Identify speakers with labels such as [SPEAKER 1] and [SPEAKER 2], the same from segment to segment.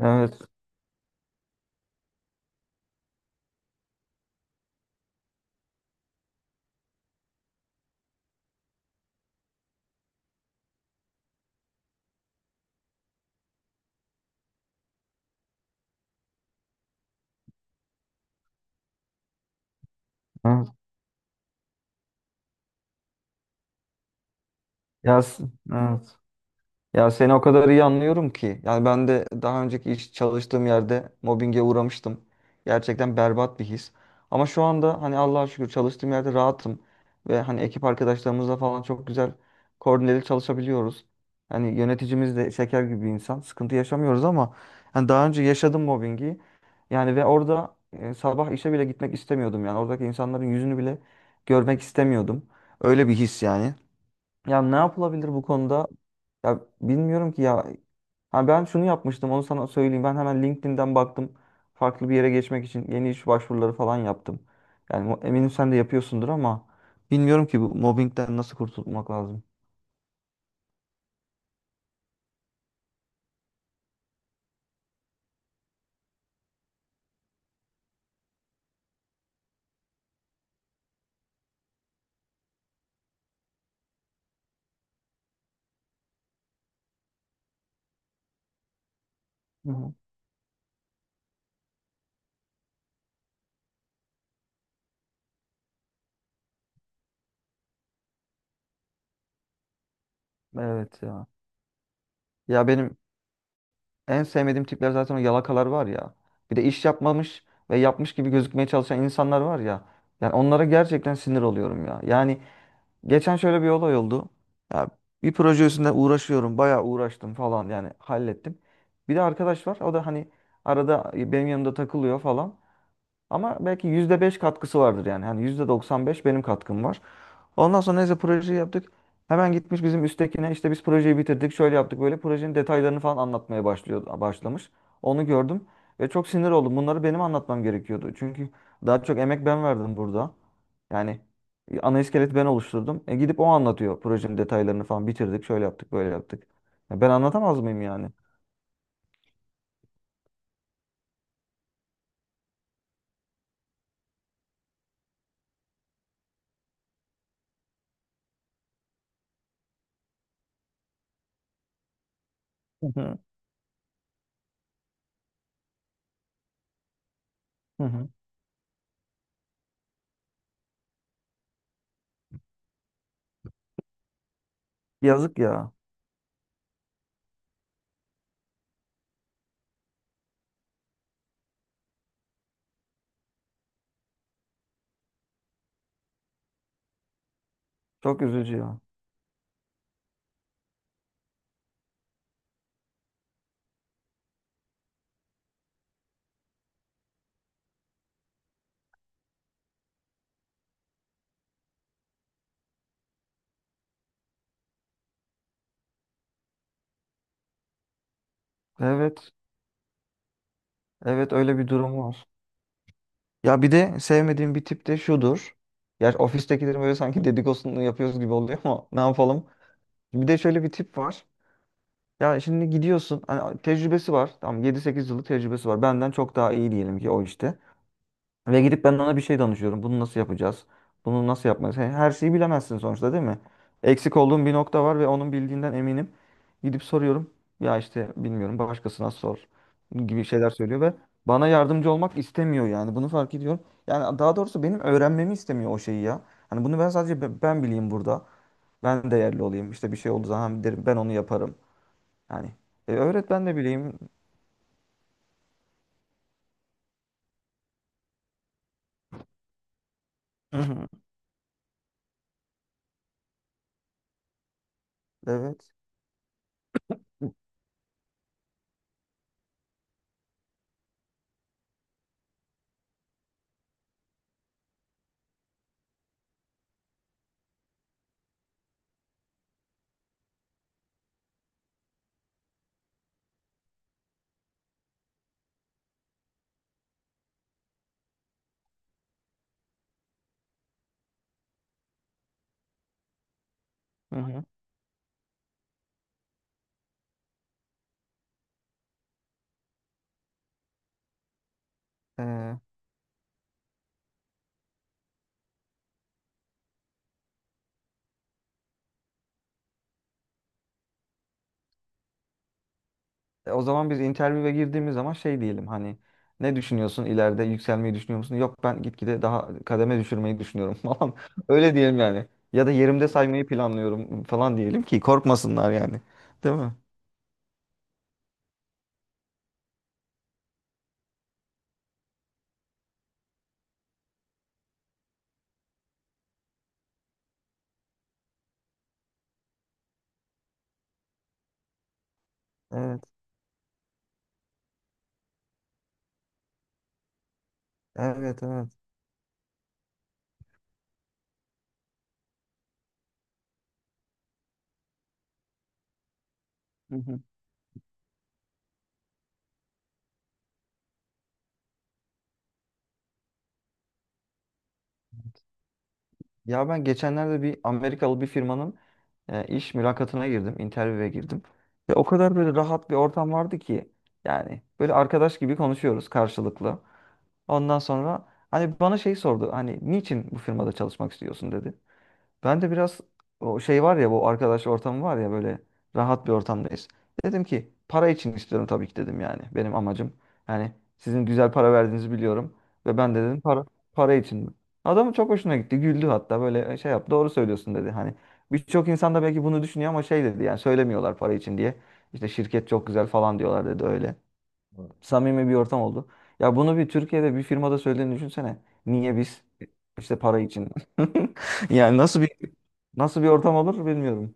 [SPEAKER 1] Evet, evet. Ya, s- evet. Ya seni o kadar iyi anlıyorum ki. Yani ben de daha önceki iş çalıştığım yerde mobbinge uğramıştım. Gerçekten berbat bir his. Ama şu anda hani Allah'a şükür çalıştığım yerde rahatım. Ve hani ekip arkadaşlarımızla falan çok güzel koordineli çalışabiliyoruz. Hani yöneticimiz de şeker gibi bir insan. Sıkıntı yaşamıyoruz ama hani daha önce yaşadım mobbingi. Yani ve orada sabah işe bile gitmek istemiyordum yani. Oradaki insanların yüzünü bile görmek istemiyordum. Öyle bir his yani. Ya ne yapılabilir bu konuda? Ya bilmiyorum ki ya. Ha ben şunu yapmıştım onu sana söyleyeyim. Ben hemen LinkedIn'den baktım. Farklı bir yere geçmek için yeni iş başvuruları falan yaptım. Yani eminim sen de yapıyorsundur ama bilmiyorum ki bu mobbingden nasıl kurtulmak lazım. Hı hı. Evet ya. Ya benim en sevmediğim tipler zaten o yalakalar var ya. Bir de iş yapmamış ve yapmış gibi gözükmeye çalışan insanlar var ya. Yani onlara gerçekten sinir oluyorum ya. Yani geçen şöyle bir olay oldu. Ya bir proje üstünde uğraşıyorum. Bayağı uğraştım falan yani hallettim. Bir de arkadaş var. O da hani arada benim yanımda takılıyor falan. Ama belki %5 katkısı vardır yani. Hani %95 benim katkım var. Ondan sonra neyse projeyi yaptık. Hemen gitmiş bizim üsttekine işte biz projeyi bitirdik. Şöyle yaptık böyle projenin detaylarını falan başlamış. Onu gördüm ve çok sinir oldum. Bunları benim anlatmam gerekiyordu. Çünkü daha çok emek ben verdim burada. Yani ana iskeleti ben oluşturdum. E gidip o anlatıyor projenin detaylarını falan bitirdik. Şöyle yaptık böyle yaptık. Ya ben anlatamaz mıyım yani? Hı hı, hı hı. Yazık ya. Çok üzücü ya. Evet. Evet öyle bir durum var. Ya bir de sevmediğim bir tip de şudur. Ya ofistekilerin böyle sanki dedikodusunu yapıyoruz gibi oluyor ama ne yapalım. Bir de şöyle bir tip var. Ya şimdi gidiyorsun. Hani tecrübesi var. Tamam 7-8 yıllık tecrübesi var. Benden çok daha iyi diyelim ki o işte. Ve gidip ben ona bir şey danışıyorum. Bunu nasıl yapacağız? Bunu nasıl yapmalıyız? Her şeyi bilemezsin sonuçta değil mi? Eksik olduğum bir nokta var ve onun bildiğinden eminim. Gidip soruyorum. Ya işte bilmiyorum başkasına sor gibi şeyler söylüyor ve bana yardımcı olmak istemiyor yani. Bunu fark ediyorum. Yani daha doğrusu benim öğrenmemi istemiyor o şeyi ya. Hani bunu ben sadece ben bileyim burada. Ben değerli olayım. İşte bir şey olduğu zaman derim ben onu yaparım. Yani öğret ben de bileyim. Hı hı. Evet. Hı hı. O zaman biz interview'e girdiğimiz zaman şey diyelim hani ne düşünüyorsun ileride yükselmeyi düşünüyor musun? Yok ben gitgide daha kademe düşürmeyi düşünüyorum falan. Öyle diyelim yani. Ya da yerimde saymayı planlıyorum falan diyelim ki korkmasınlar yani. Değil mi? Evet, evet, evet. Hı hı. Ya ben geçenlerde bir Amerikalı bir firmanın iş mülakatına girdim. Ve o kadar böyle rahat bir ortam vardı ki yani böyle arkadaş gibi konuşuyoruz karşılıklı. Ondan sonra hani bana şey sordu. Hani niçin bu firmada çalışmak istiyorsun dedi. Ben de biraz o şey var ya bu arkadaş ortamı var ya böyle rahat bir ortamdayız. Dedim ki para için istiyorum tabii ki dedim yani. Benim amacım. Yani sizin güzel para verdiğinizi biliyorum. Ve ben de dedim para için. Adamın çok hoşuna gitti. Güldü hatta böyle şey yap doğru söylüyorsun dedi. Hani birçok insan da belki bunu düşünüyor ama şey dedi yani söylemiyorlar para için diye. İşte şirket çok güzel falan diyorlar dedi öyle samimi bir ortam oldu. Ya bunu bir Türkiye'de bir firmada söylediğini düşünsene. Niye biz işte para için? Yani nasıl bir ortam olur bilmiyorum.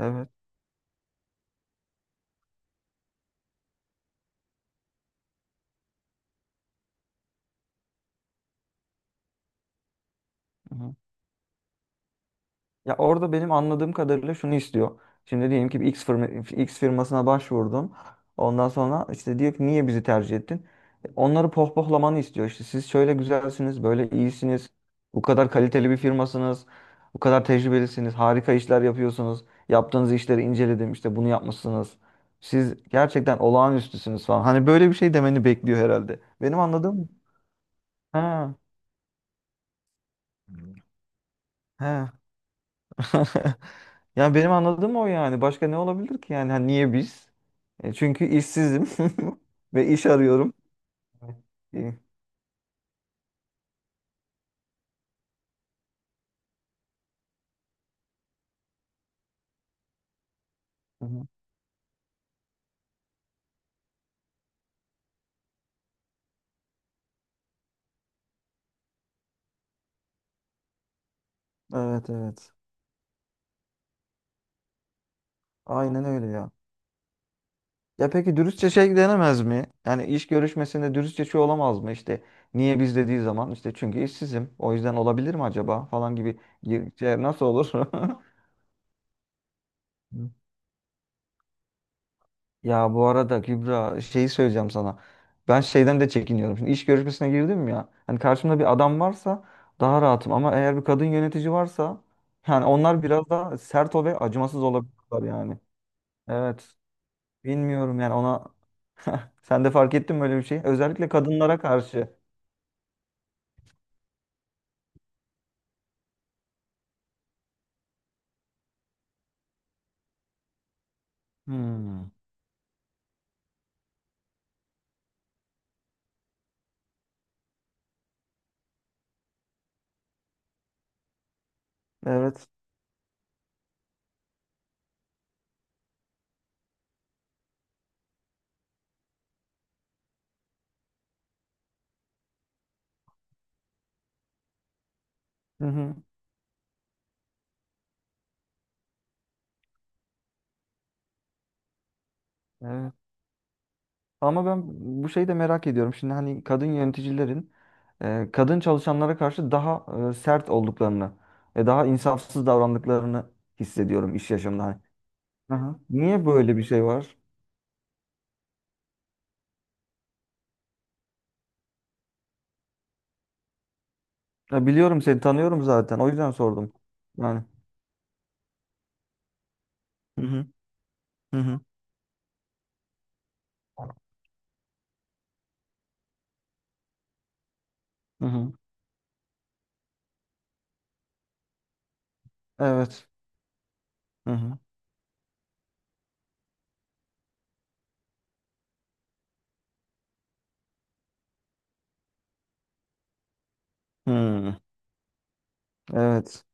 [SPEAKER 1] Evet. Ya orada benim anladığım kadarıyla şunu istiyor. Şimdi diyelim ki bir X firma, X firmasına başvurdun. Ondan sonra işte diyor ki niye bizi tercih ettin? Onları pohpohlamanı istiyor. İşte siz şöyle güzelsiniz, böyle iyisiniz. Bu kadar kaliteli bir firmasınız. Bu kadar tecrübelisiniz. Harika işler yapıyorsunuz. Yaptığınız işleri inceledim. İşte bunu yapmışsınız. Siz gerçekten olağanüstüsünüz falan. Hani böyle bir şey demeni bekliyor herhalde. Benim anladığım... Ha, he. Yani benim anladığım o yani. Başka ne olabilir ki yani? Hani niye biz? Çünkü işsizim ve iş arıyorum. E, hı hı. Evet evet. Aynen öyle ya. Ya peki dürüstçe şey denemez mi? Yani iş görüşmesinde dürüstçe şey olamaz mı? İşte? Niye biz dediği zaman işte çünkü işsizim. O yüzden olabilir mi acaba falan gibi. Şey, nasıl olur? Ya bu arada Kübra şeyi söyleyeceğim sana. Ben şeyden de çekiniyorum. Şimdi iş görüşmesine girdim ya. Hani karşımda bir adam varsa daha rahatım. Ama eğer bir kadın yönetici varsa yani onlar biraz daha sert o ve acımasız olabilirler yani. Evet. Bilmiyorum yani ona. Sen de fark ettin mi öyle bir şey? Özellikle kadınlara karşı. Hmm. Evet. Hı hı. Evet. Ama ben bu şeyi de merak ediyorum. Şimdi hani kadın yöneticilerin kadın çalışanlara karşı daha sert olduklarını ve daha insafsız davrandıklarını hissediyorum iş yaşamında. Hani aha. Niye böyle bir şey var? Ya biliyorum seni tanıyorum zaten. O yüzden sordum. Yani. Hı hı. Hı hı. Hı hı. Evet. Hı hı. Hı. Evet.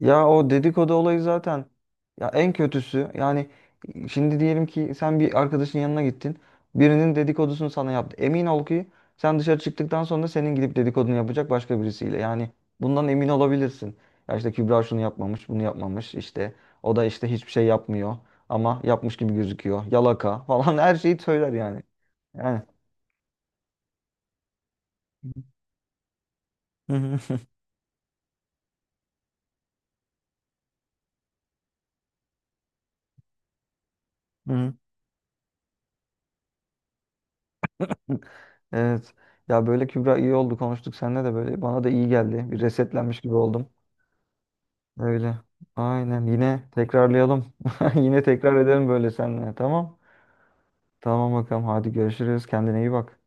[SPEAKER 1] Ya o dedikodu olayı zaten ya en kötüsü yani şimdi diyelim ki sen bir arkadaşın yanına gittin. Birinin dedikodusunu sana yaptı. Emin ol ki sen dışarı çıktıktan sonra senin gidip dedikodunu yapacak başka birisiyle. Yani bundan emin olabilirsin. Ya işte Kübra şunu yapmamış, bunu yapmamış işte. O da işte hiçbir şey yapmıyor ama yapmış gibi gözüküyor. Yalaka falan her şeyi söyler yani. Yani. Hı hı, hı hı. Evet. Ya böyle Kübra iyi oldu konuştuk seninle de böyle bana da iyi geldi. Bir resetlenmiş gibi oldum. Öyle. Aynen. Yine tekrarlayalım. Yine tekrar edelim böyle seninle. Tamam. Tamam bakalım. Hadi görüşürüz. Kendine iyi bak.